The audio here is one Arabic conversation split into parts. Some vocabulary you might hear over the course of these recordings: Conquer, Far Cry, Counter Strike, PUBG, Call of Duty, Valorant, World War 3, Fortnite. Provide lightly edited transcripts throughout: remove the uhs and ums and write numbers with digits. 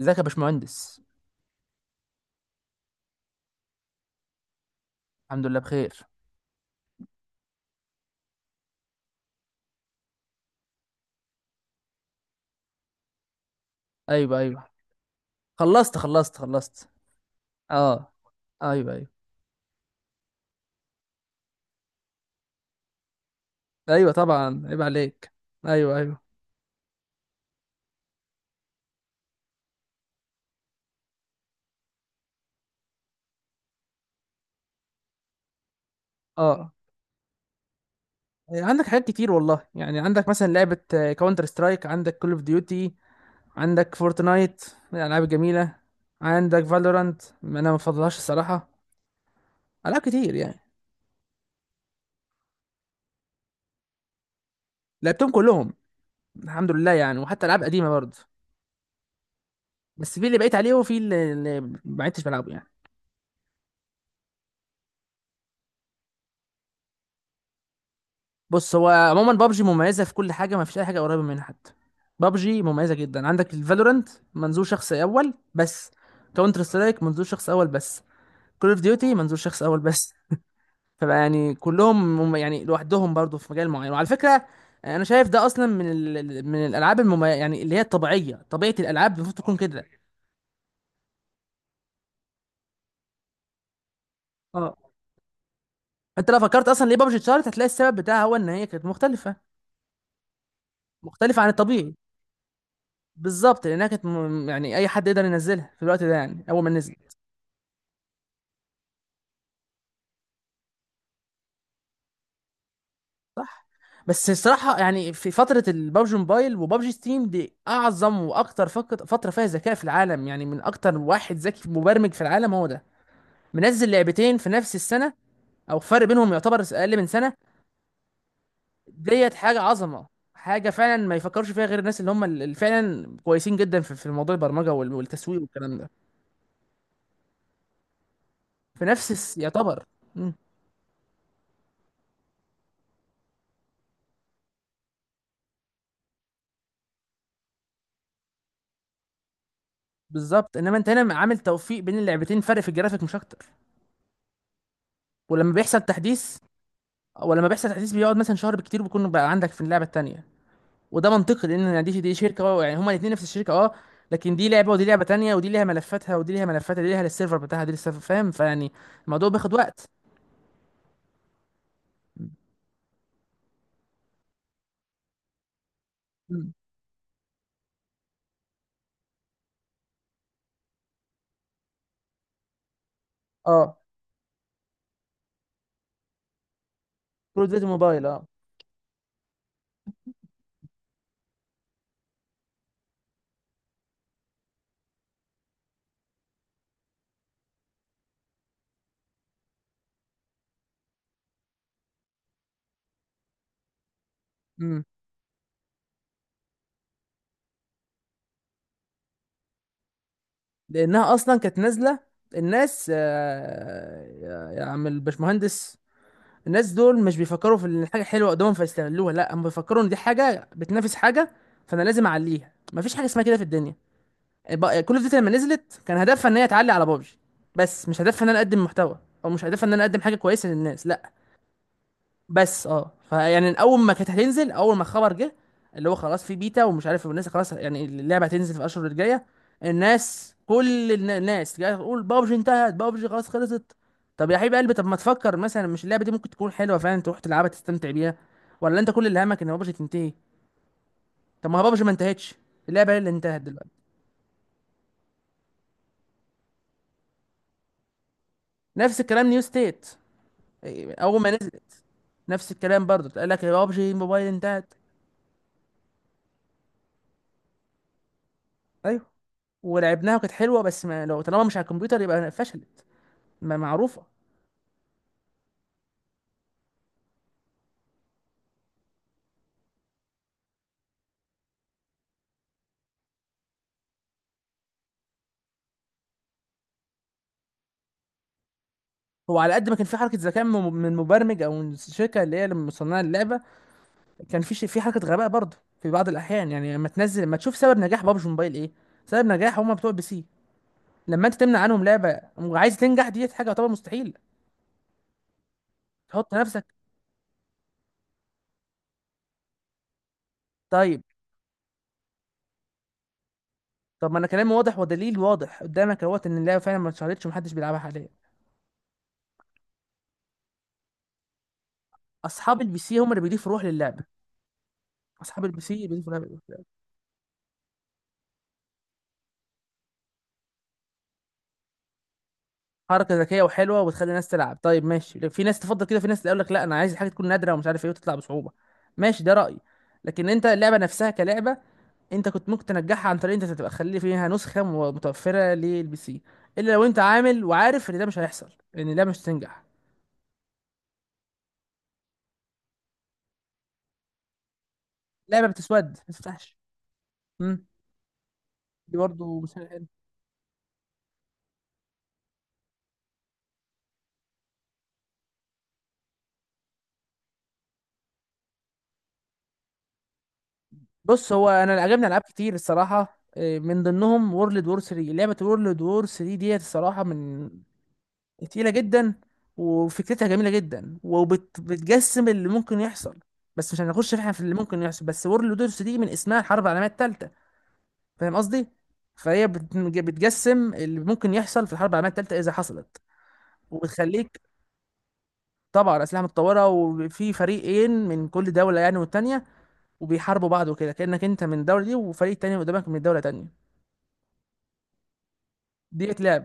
ازيك يا باشمهندس؟ الحمد لله بخير. ايوه، ايوه. خلصت خلصت خلصت. اه. ايوه، ايوه، ايوه، طبعا عيب عليك. ايوه، ايوه. اه. إيه، عندك حاجات كتير والله، يعني عندك مثلا لعبة كاونتر سترايك، عندك كول اوف ديوتي، عندك فورتنايت من الالعاب الجميلة. عندك فالورانت، انا ما بفضلهاش الصراحة. العاب كتير يعني. لعبتهم كلهم الحمد لله يعني، وحتى العاب قديمة برضه. بس في اللي بقيت عليه، وفي اللي ما عدتش بلعبه يعني. بص، هو عموما بابجي مميزه في كل حاجه، ما فيش اي حاجه قريبه منها حتى. بابجي مميزه جدا، عندك الفالورنت منظور شخص اول بس. كاونتر سترايك منظور شخص اول بس. كول اوف ديوتي منظور شخص اول بس. فبقى يعني كلهم يعني لوحدهم برضو في مجال معين، وعلى فكره. انا شايف ده اصلا من الالعاب يعني اللي هي الطبيعيه، طبيعه الالعاب المفروض تكون كده. اه، انت لو فكرت اصلا ليه بابجي اتشهرت هتلاقي السبب بتاعها هو ان هي كانت مختلفه. مختلفه عن الطبيعي. بالظبط، لانها كانت يعني اي حد يقدر ينزلها في الوقت ده، يعني اول ما نزل. صح. بس الصراحة، يعني في فترة البابجي موبايل وبابجي ستيم دي أعظم وأكتر فترة فيها ذكاء في العالم، يعني من أكتر واحد ذكي مبرمج في العالم هو ده، منزل لعبتين في نفس السنة، أو فرق بينهم يعتبر أقل من سنة. ديت حاجة عظمة، حاجة فعلا ما يفكرش فيها غير الناس اللي هم اللي فعلا كويسين جدا في موضوع البرمجة والتسويق والكلام ده. في نفس يعتبر. مم. بالظبط، إنما أنت هنا عامل توفيق بين اللعبتين، فرق في الجرافيك مش أكتر. ولما بيحصل تحديث ولما بيحصل تحديث بيقعد مثلا شهر بالكتير، بيكون بقى عندك في اللعبه التانيه. وده منطقي لان يعني دي شركه، يعني هما الاثنين نفس الشركه، اه. لكن دي لعبه ودي لعبه تانيه، ودي ليها ملفاتها ودي ليها ملفاتها، دي ليها السيرفر بتاعها دي للسيرفر، فاهم؟ فيعني الموضوع بياخد وقت. م. اه. برو ديفيجن موبايل، اه. امم. لانها اصلا كانت نازله. الناس، يا عم الباشمهندس. الناس دول مش بيفكروا في ان الحاجه حلوه قدامهم فيستغلوها، لا، هم بيفكروا ان دي حاجه بتنافس حاجه، فانا لازم اعليها. مفيش حاجه اسمها كده في الدنيا. كل اوف لما نزلت كان هدفها ان هي تعلي على بابجي. بس مش هدفها ان انا اقدم محتوى، او مش هدفها ان انا اقدم حاجه كويسه للناس، لا. بس فيعني اول ما كانت هتنزل، اول ما الخبر جه، اللي هو خلاص في بيتا ومش عارف، والناس خلاص يعني اللعبه هتنزل في الاشهر الجايه. الناس كل الناس جايه تقول بابجي انتهت، بابجي خلاص خلصت. طب يا حبيب قلبي، طب ما تفكر مثلا مش اللعبه دي ممكن تكون حلوه فعلا، تروح تلعبها تستمتع بيها، ولا انت كل اللي همك ان بابجي تنتهي؟ طب ما هو بابجي ما انتهتش، اللعبه هي اللي انتهت دلوقتي. نفس الكلام نيو ستيت. إيه، اول ما نزل نفس الكلام برضه، قال لك يا بابجي موبايل انتهت. ايوه، ولعبناها وكانت حلوه، بس ما لو طالما مش على الكمبيوتر يبقى فشلت. معروفه. هو على قد ما كان في حركه ذكاء من مبرمج او من الشركه اللي هي اللي مصنعه اللعبه، كان في حركه غباء برضه في بعض الاحيان، يعني لما تنزل لما تشوف سبب نجاح بابجي موبايل ايه. سبب نجاح هم بتوع بي سي. لما انت تمنع عنهم لعبه وعايز تنجح دي حاجه طبعا مستحيل. تحط نفسك. طيب. طب ما انا كلامي واضح ودليل واضح قدامك اهوت ان اللعبه فعلا ما اتشهرتش ومحدش بيلعبها حاليا. اصحاب البي سي هم اللي بيضيفوا روح للعبه. اصحاب البي سي بيضيفوا لعبه حركه ذكيه وحلوه وتخلي الناس تلعب. طيب ماشي. في ناس تفضل كده، في ناس تقول لك لا، انا عايز الحاجه تكون نادره ومش عارف ايه وتطلع بصعوبه. ماشي، ده رايي. لكن انت اللعبه نفسها كلعبه، انت كنت ممكن تنجحها عن طريق انت تبقى خلي فيها نسخه متوفره للبي سي، الا لو انت عامل وعارف ان ده مش هيحصل، ان اللعبه مش هتنجح. اللعبه بتسود ما تفتحش. امم. دي برضه مش حلو. بص، هو انا عجبني العاب كتير الصراحه، إيه، من ضمنهم وورلد وور 3. لعبه وورلد وور 3 ديت الصراحه من تقيلة جدا، وفكرتها جميلة جدا، وبتجسم اللي ممكن يحصل. بس مش هنخش احنا في اللي ممكن يحصل بس، وورلد وورز دي من اسمها الحرب العالمية التالتة، فاهم قصدي؟ فهي بتجسم اللي ممكن يحصل في الحرب العالمية التالتة إذا حصلت. وبتخليك، طبعا أسلحة متطورة، وفي فريقين من كل دولة يعني والتانية، وبيحاربوا بعض وكده، كأنك أنت من الدولة دي وفريق تاني قدامك من دولة تانية. دي بتلعب.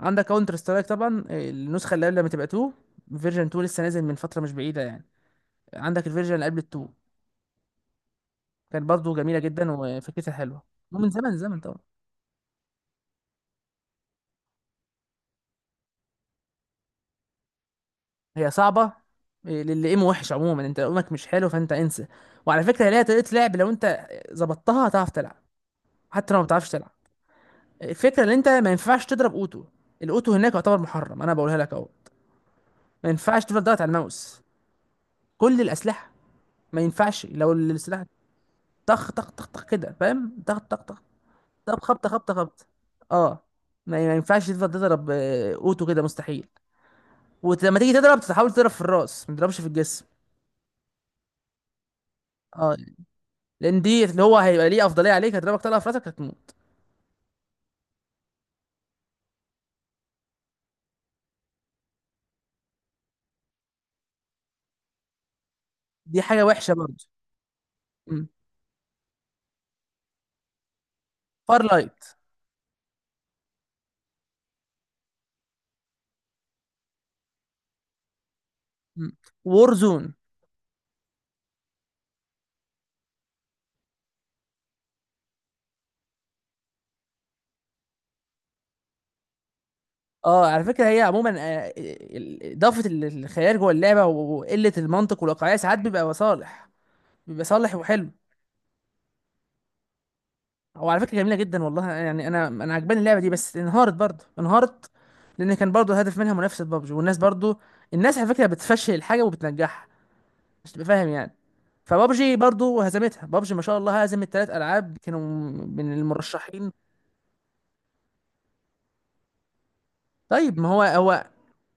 عندك كاونتر سترايك طبعا، النسخة اللي قبل ما تبقى 2. فيرجن 2 لسه نازل من فترة مش بعيدة يعني. عندك الفيرجن اللي قبل التو، كانت برضه جميله جدا وفكرتها حلوه، من زمن زمن طبعا. هي صعبه، إيه، للي ايمو وحش عموما، انت ايمك مش حلو فانت انسى. وعلى فكره هي ليها طريقه لعب، لو انت ظبطتها هتعرف تلعب، حتى لو ما بتعرفش تلعب. الفكره ان انت ما ينفعش تضرب اوتو. الاوتو هناك يعتبر محرم، انا بقولها لك اهو. ما ينفعش تفضل ضغط على الماوس. كل الاسلحه، ما ينفعش لو السلاح، طخ طخ طخ طخ كده فاهم، طخ طخ طخ، طب خبطه خبطه خبطه. اه. ما ينفعش تفضل تضرب، اوتو كده مستحيل. ولما تيجي تضرب تحاول تضرب في الراس، ما تضربش في الجسم. اه، لان دي اللي هو هيبقى ليه افضليه عليك، هتضربك طلقه في راسك هتموت. دي حاجه وحشه برضه. فار لايت. وور زون. اه، على فكره هي عموما، اضافه الخيال جوه اللعبه وقله المنطق والواقعيه ساعات بيبقى صالح. بيبقى صالح وحلو. هو على فكره جميله جدا والله، يعني انا عجباني اللعبه دي، بس انهارت برضه انهارت، لان كان برضه الهدف منها منافسه بابجي، والناس برضه. الناس على فكره بتفشل الحاجه وبتنجحها، مش تبقى فاهم يعني. فبابجي برضو هزمتها، بابجي ما شاء الله هزمت 3 العاب كانوا من المرشحين. طيب ما هو هو،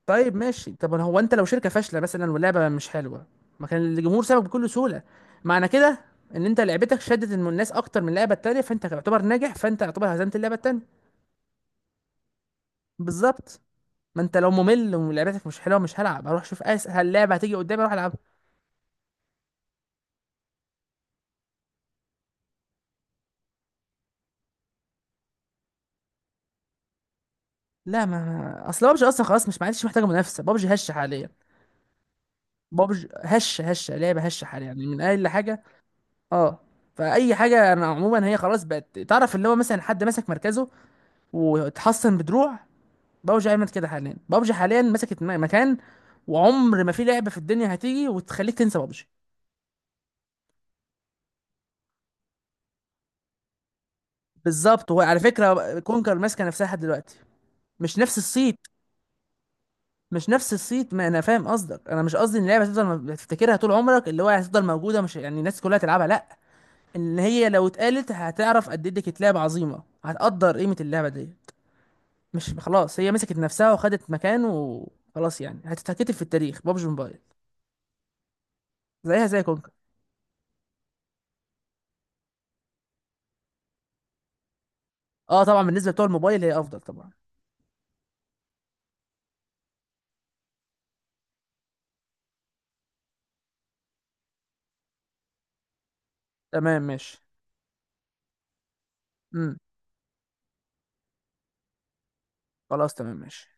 طيب ماشي، طب هو انت لو شركه فاشله مثلا واللعبه مش حلوه ما كان الجمهور سابك بكل سهوله. معنى كده ان انت لعبتك شدت الناس اكتر من اللعبه التانيه، فانت تعتبر ناجح، فانت تعتبر هزمت اللعبه التانيه. بالظبط. ما انت لو ممل ولعبتك مش حلوه مش هلعب، اروح اشوف اسهل لعبه هتيجي قدامي اروح العبها. لا، ما اصل بابجي اصلا خلاص مش، معلش، محتاجه منافسه، بابجي هشه حاليا. بابجي هشه هشه لعبه هشه حاليا، يعني من اقل حاجه. اه. فاي حاجه انا عموما، هي خلاص بقت تعرف اللي هو مثلا حد مسك مركزه واتحصن بدروع، بابجي عملت كده حاليا. بابجي حاليا مسكت مكان، وعمر ما في لعبه في الدنيا هتيجي وتخليك تنسى بابجي. بالظبط، وعلى فكره كونكر ماسكه نفسها لحد دلوقتي، مش نفس الصيت. مش نفس الصيت، ما انا فاهم قصدك، انا مش قصدي ان اللعبه هتفضل تفتكرها طول عمرك، اللي هو هتفضل موجوده، مش يعني الناس كلها تلعبها لا. ان هي لو اتقالت هتعرف قد ايه دي كانت لعبه عظيمه، هتقدر قيمه اللعبه دي. مش خلاص هي مسكت نفسها وخدت مكانه، وخلاص يعني هتتكتب في التاريخ بابجي موبايل، زيها زي كونكر. اه طبعا، بالنسبه لبتوع الموبايل هي افضل طبعا. تمام ماشي. امم. خلاص تمام ماشي.